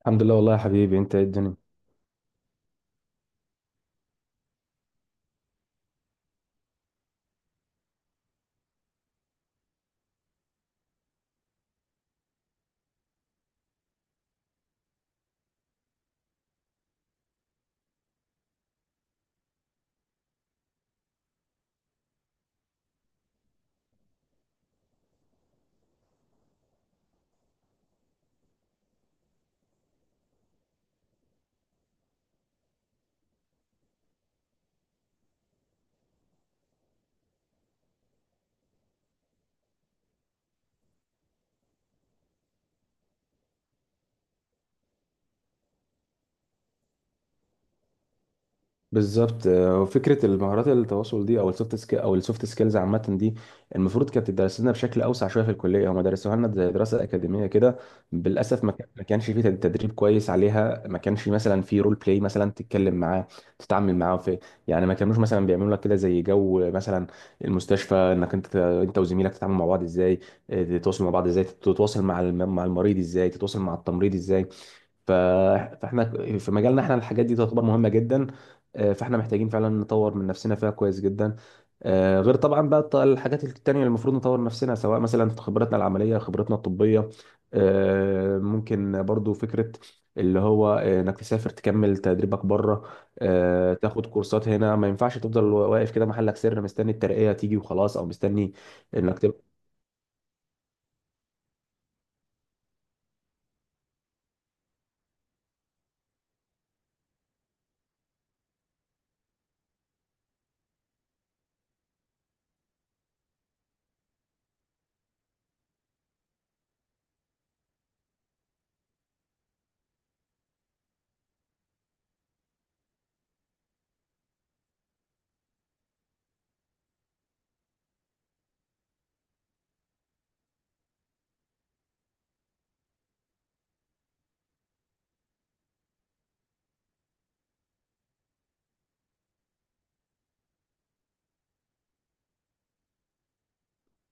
الحمد لله والله يا حبيبي انت ايه الدنيا. بالظبط، وفكره المهارات التواصل دي او السوفت سكيل او السوفت سكيلز عامه دي المفروض كانت تدرس لنا بشكل اوسع شويه في الكليه. هم درسوها لنا زي دراسه اكاديميه كده. بالاسف ما كانش فيه تدريب كويس عليها. ما كانش مثلا في رول بلاي مثلا تتكلم معاه تتعامل معاه في، يعني ما كانوش مثلا بيعملوا لك كده زي جو مثلا المستشفى، انك انت وزميلك تتعاملوا مع بعض ازاي، تتواصلوا مع بعض ازاي، تتواصل مع مع المريض ازاي، تتواصل مع التمريض ازاي. ف- فاحنا في مجالنا احنا الحاجات دي تعتبر مهمه جدا. فاحنا محتاجين فعلا نطور من نفسنا فيها كويس جدا. غير طبعا بقى الحاجات التانية اللي المفروض نطور نفسنا سواء مثلا في خبرتنا العملية خبرتنا الطبية. ممكن برضو فكرة اللي هو، انك تسافر تكمل تدريبك بره، تاخد كورسات هنا. ما ينفعش تفضل واقف كده محلك سر مستني الترقية تيجي وخلاص او مستني انك تبقى.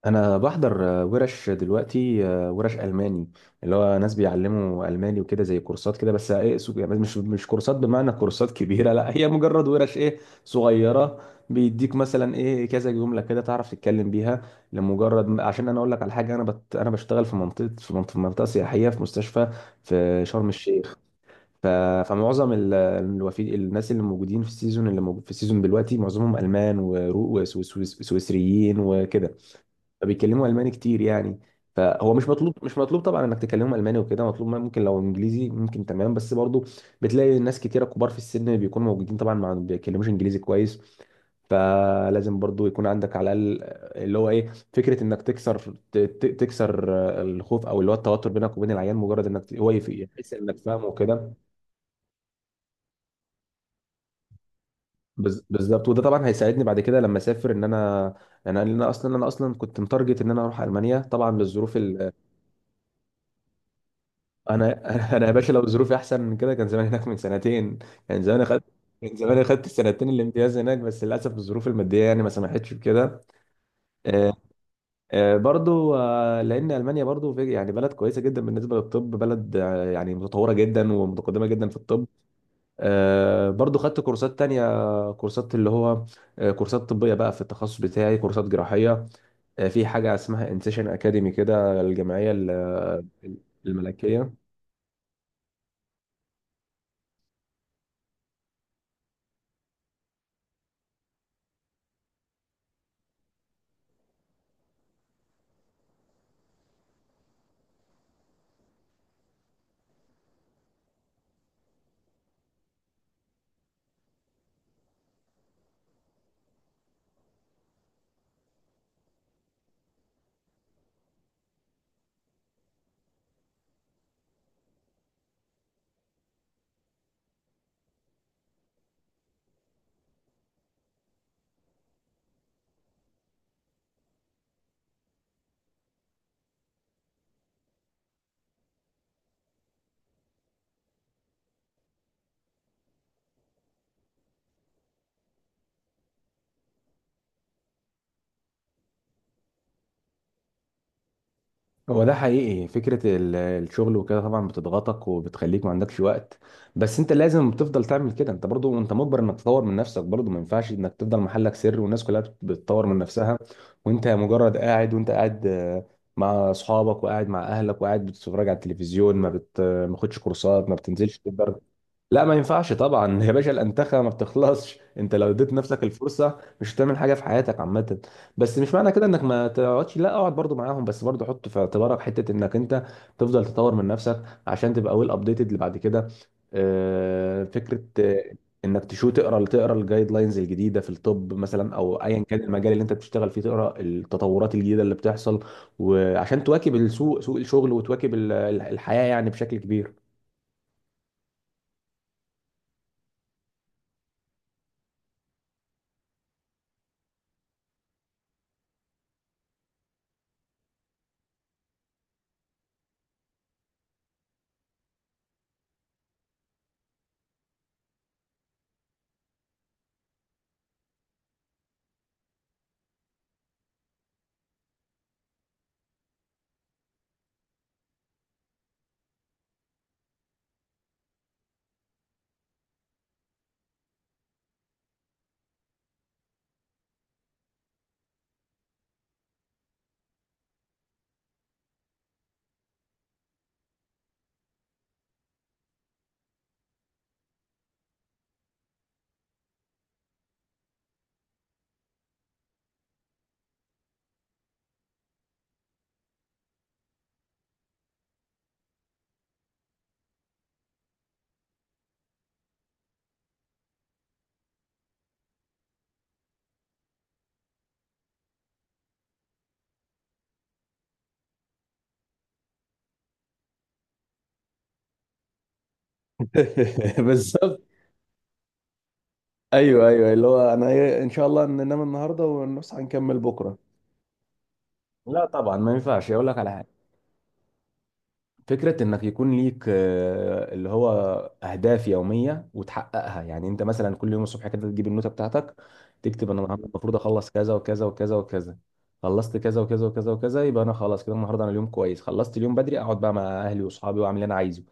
انا بحضر ورش دلوقتي، ورش الماني، اللي هو ناس بيعلموا الماني وكده زي كورسات كده، بس ايه يعني مش كورسات بمعنى كورسات كبيره، لا هي مجرد ورش ايه صغيره. بيديك مثلا ايه كذا جمله كده تعرف تتكلم بيها، لمجرد عشان انا اقول لك على حاجه. انا بشتغل في منطقه في منطقة سياحيه في مستشفى في شرم الشيخ. ف... فمعظم الناس اللي موجودين في السيزون، اللي موجود في السيزون دلوقتي، معظمهم المان وسويسريين وكده. فبيتكلموا الماني كتير يعني. فهو مش مطلوب طبعا انك تكلمهم الماني وكده. مطلوب ممكن لو انجليزي ممكن تمام، بس برضو بتلاقي ناس كتيره كبار في السن بيكونوا موجودين طبعا ما بيتكلموش انجليزي كويس. فلازم برضو يكون عندك على الاقل اللي هو ايه فكره انك تكسر، تكسر الخوف او اللي هو التوتر بينك وبين العيان، مجرد انك يحس انك فاهمه وكده. بالظبط، وده طبعا هيساعدني بعد كده لما اسافر. ان انا انا أنا اصلا انا اصلا كنت متارجت ان انا اروح المانيا طبعا للظروف. انا انا يا باشا لو ظروفي احسن من كده كان زمان هناك من سنتين. كان زمان اخدت كان زمان اخدت السنتين الامتياز هناك، بس للاسف الظروف الماديه يعني ما سمحتش بكده. آه، برضو لان المانيا برضو في يعني بلد كويسه جدا بالنسبه للطب، بلد يعني متطوره جدا ومتقدمه جدا في الطب. برضو خدت كورسات تانية، كورسات اللي هو كورسات طبيه بقى في التخصص بتاعي، كورسات جراحيه. في حاجه اسمها انسيشن اكاديمي كده، الجمعيه الملكيه. هو ده حقيقي فكرة الشغل وكده طبعا بتضغطك وبتخليك ما عندكش وقت، بس انت لازم تفضل تعمل كده. انت برضو انت مجبر انك تطور من نفسك برضو. ما ينفعش انك تفضل محلك سر والناس كلها بتطور من نفسها، وانت مجرد قاعد، وانت قاعد مع اصحابك وقاعد مع اهلك وقاعد بتتفرج على التلفزيون، ما بتاخدش كورسات ما بتنزلش تتدرب. لا ما ينفعش طبعا يا باشا، الانتخه ما بتخلصش. انت لو اديت نفسك الفرصه مش هتعمل حاجه في حياتك عامه. بس مش معنى كده انك ما تقعدش، لا اقعد برضو معاهم، بس برضو حط في اعتبارك حته انك انت تفضل تطور من نفسك عشان تبقى ويل ابديتد اللي بعد كده. فكره انك تقرا تقرا الجايد لاينز الجديده في الطب مثلا او ايا كان المجال اللي انت بتشتغل فيه، تقرا التطورات الجديده اللي بتحصل وعشان تواكب السوق، سوق الشغل، وتواكب الحياه يعني بشكل كبير. بالظبط. ايوه اللي هو انا إيه، ان شاء الله ننام النهارده ونصحى نكمل بكره. لا طبعا ما ينفعش اقول لك على حاجه. فكره انك يكون ليك اللي هو اهداف يوميه وتحققها. يعني انت مثلا كل يوم الصبح كده تجيب النوته بتاعتك، تكتب انا النهارده المفروض اخلص كذا وكذا وكذا وكذا. خلصت كذا وكذا وكذا وكذا، يبقى انا خلاص كده النهارده انا اليوم كويس، خلصت اليوم بدري، اقعد بقى مع اهلي واصحابي واعمل اللي انا عايزه.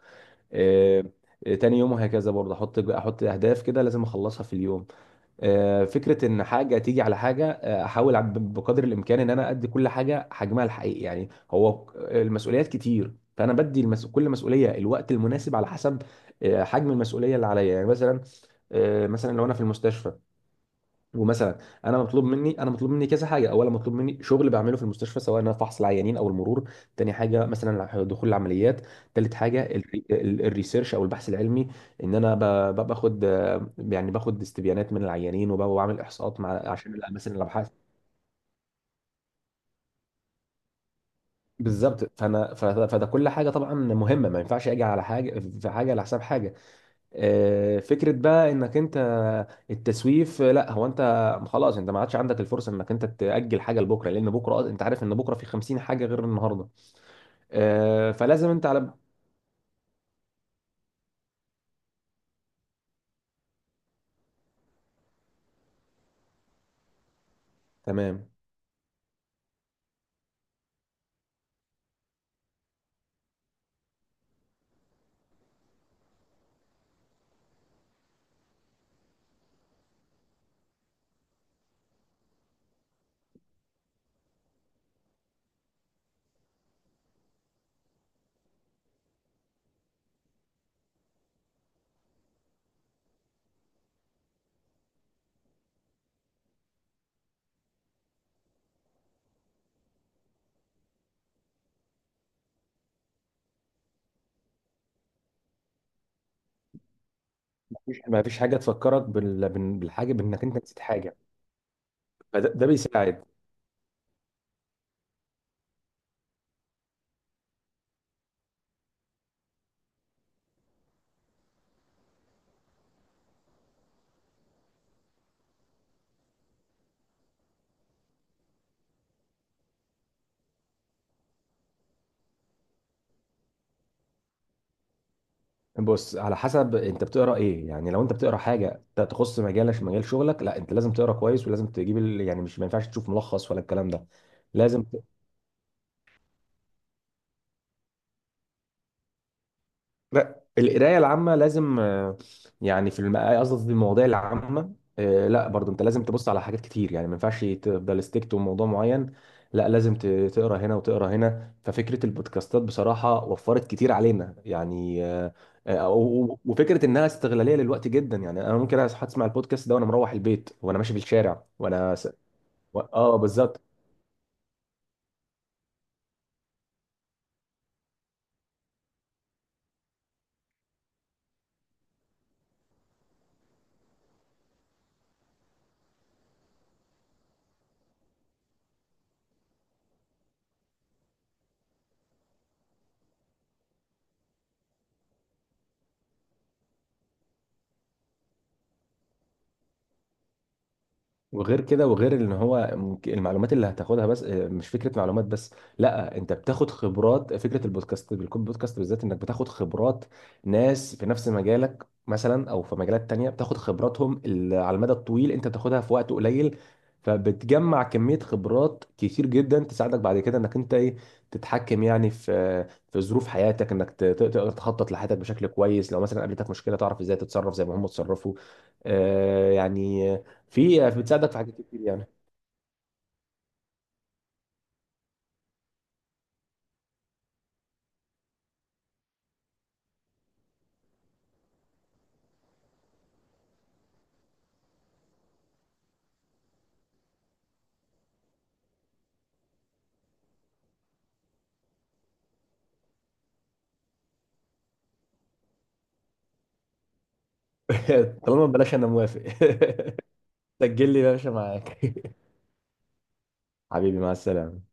آه، تاني يوم وهكذا، برضه احط اهداف كده لازم اخلصها في اليوم. فكره ان حاجه تيجي على حاجه، احاول بقدر الامكان ان انا ادي كل حاجه حجمها الحقيقي. يعني هو المسؤوليات كتير، فانا بدي كل مسؤوليه الوقت المناسب على حسب حجم المسؤوليه اللي عليا. يعني مثلا مثلا لو انا في المستشفى ومثلا، انا مطلوب مني كذا حاجه. اولا مطلوب مني شغل بعمله في المستشفى سواء انا فحص العيانين او المرور. تاني حاجه مثلا دخول العمليات. تالت حاجه الريسيرش او البحث العلمي، ان انا باخد يعني باخد استبيانات من العيانين وبعمل احصاءات مع عشان الاماكن الابحاث. بالظبط، فانا فده كل حاجه طبعا مهمه، ما ينفعش اجي على حاجه في حاجه على حساب حاجه. فكرة بقى انك انت التسويف، لا هو انت خلاص انت ما عادش عندك الفرصة انك انت تأجل حاجة لبكرة، لان بكرة انت عارف ان بكرة في 50 حاجة غير النهاردة. فلازم انت على تمام. ما فيش حاجة تفكرك بالحاجة بانك انت نسيت حاجة، ده بيساعد. بص على حسب انت بتقرا ايه. يعني لو انت بتقرا حاجه تخص مجالك مجال شغلك، لا انت لازم تقرا كويس ولازم تجيب يعني مش، ما ينفعش تشوف ملخص ولا الكلام ده. لازم، لا القرايه العامه لازم يعني في قصدي في المواضيع العامه، لا برضو انت لازم تبص على حاجات كتير. يعني ما ينفعش تفضل ستيك تو موضوع معين، لا لازم تقرا هنا وتقرا هنا. ففكره البودكاستات بصراحه وفرت كتير علينا يعني. وفكره انها استغلاليه للوقت جدا، يعني انا ممكن اسمع البودكاست ده وانا مروح البيت وانا ماشي في الشارع و، اه بالظبط. وغير كده، وغير ان هو المعلومات اللي هتاخدها بس مش فكره معلومات بس، لا انت بتاخد خبرات. فكره البودكاست بالكود بودكاست بالذات انك بتاخد خبرات ناس في نفس مجالك مثلا او في مجالات تانية، بتاخد خبراتهم على المدى الطويل انت بتاخدها في وقت قليل. فبتجمع كميه خبرات كتير جدا تساعدك بعد كده انك انت ايه تتحكم يعني في، في ظروف حياتك، انك تقدر تخطط لحياتك بشكل كويس. لو مثلا قابلتك مشكله تعرف ازاي تتصرف زي ما هم اتصرفوا. يعني في، بتساعدك في حاجات كتير يعني. طالما ببلاش انا موافق. سجل لي يا باشا معاك. حبيبي مع السلامة.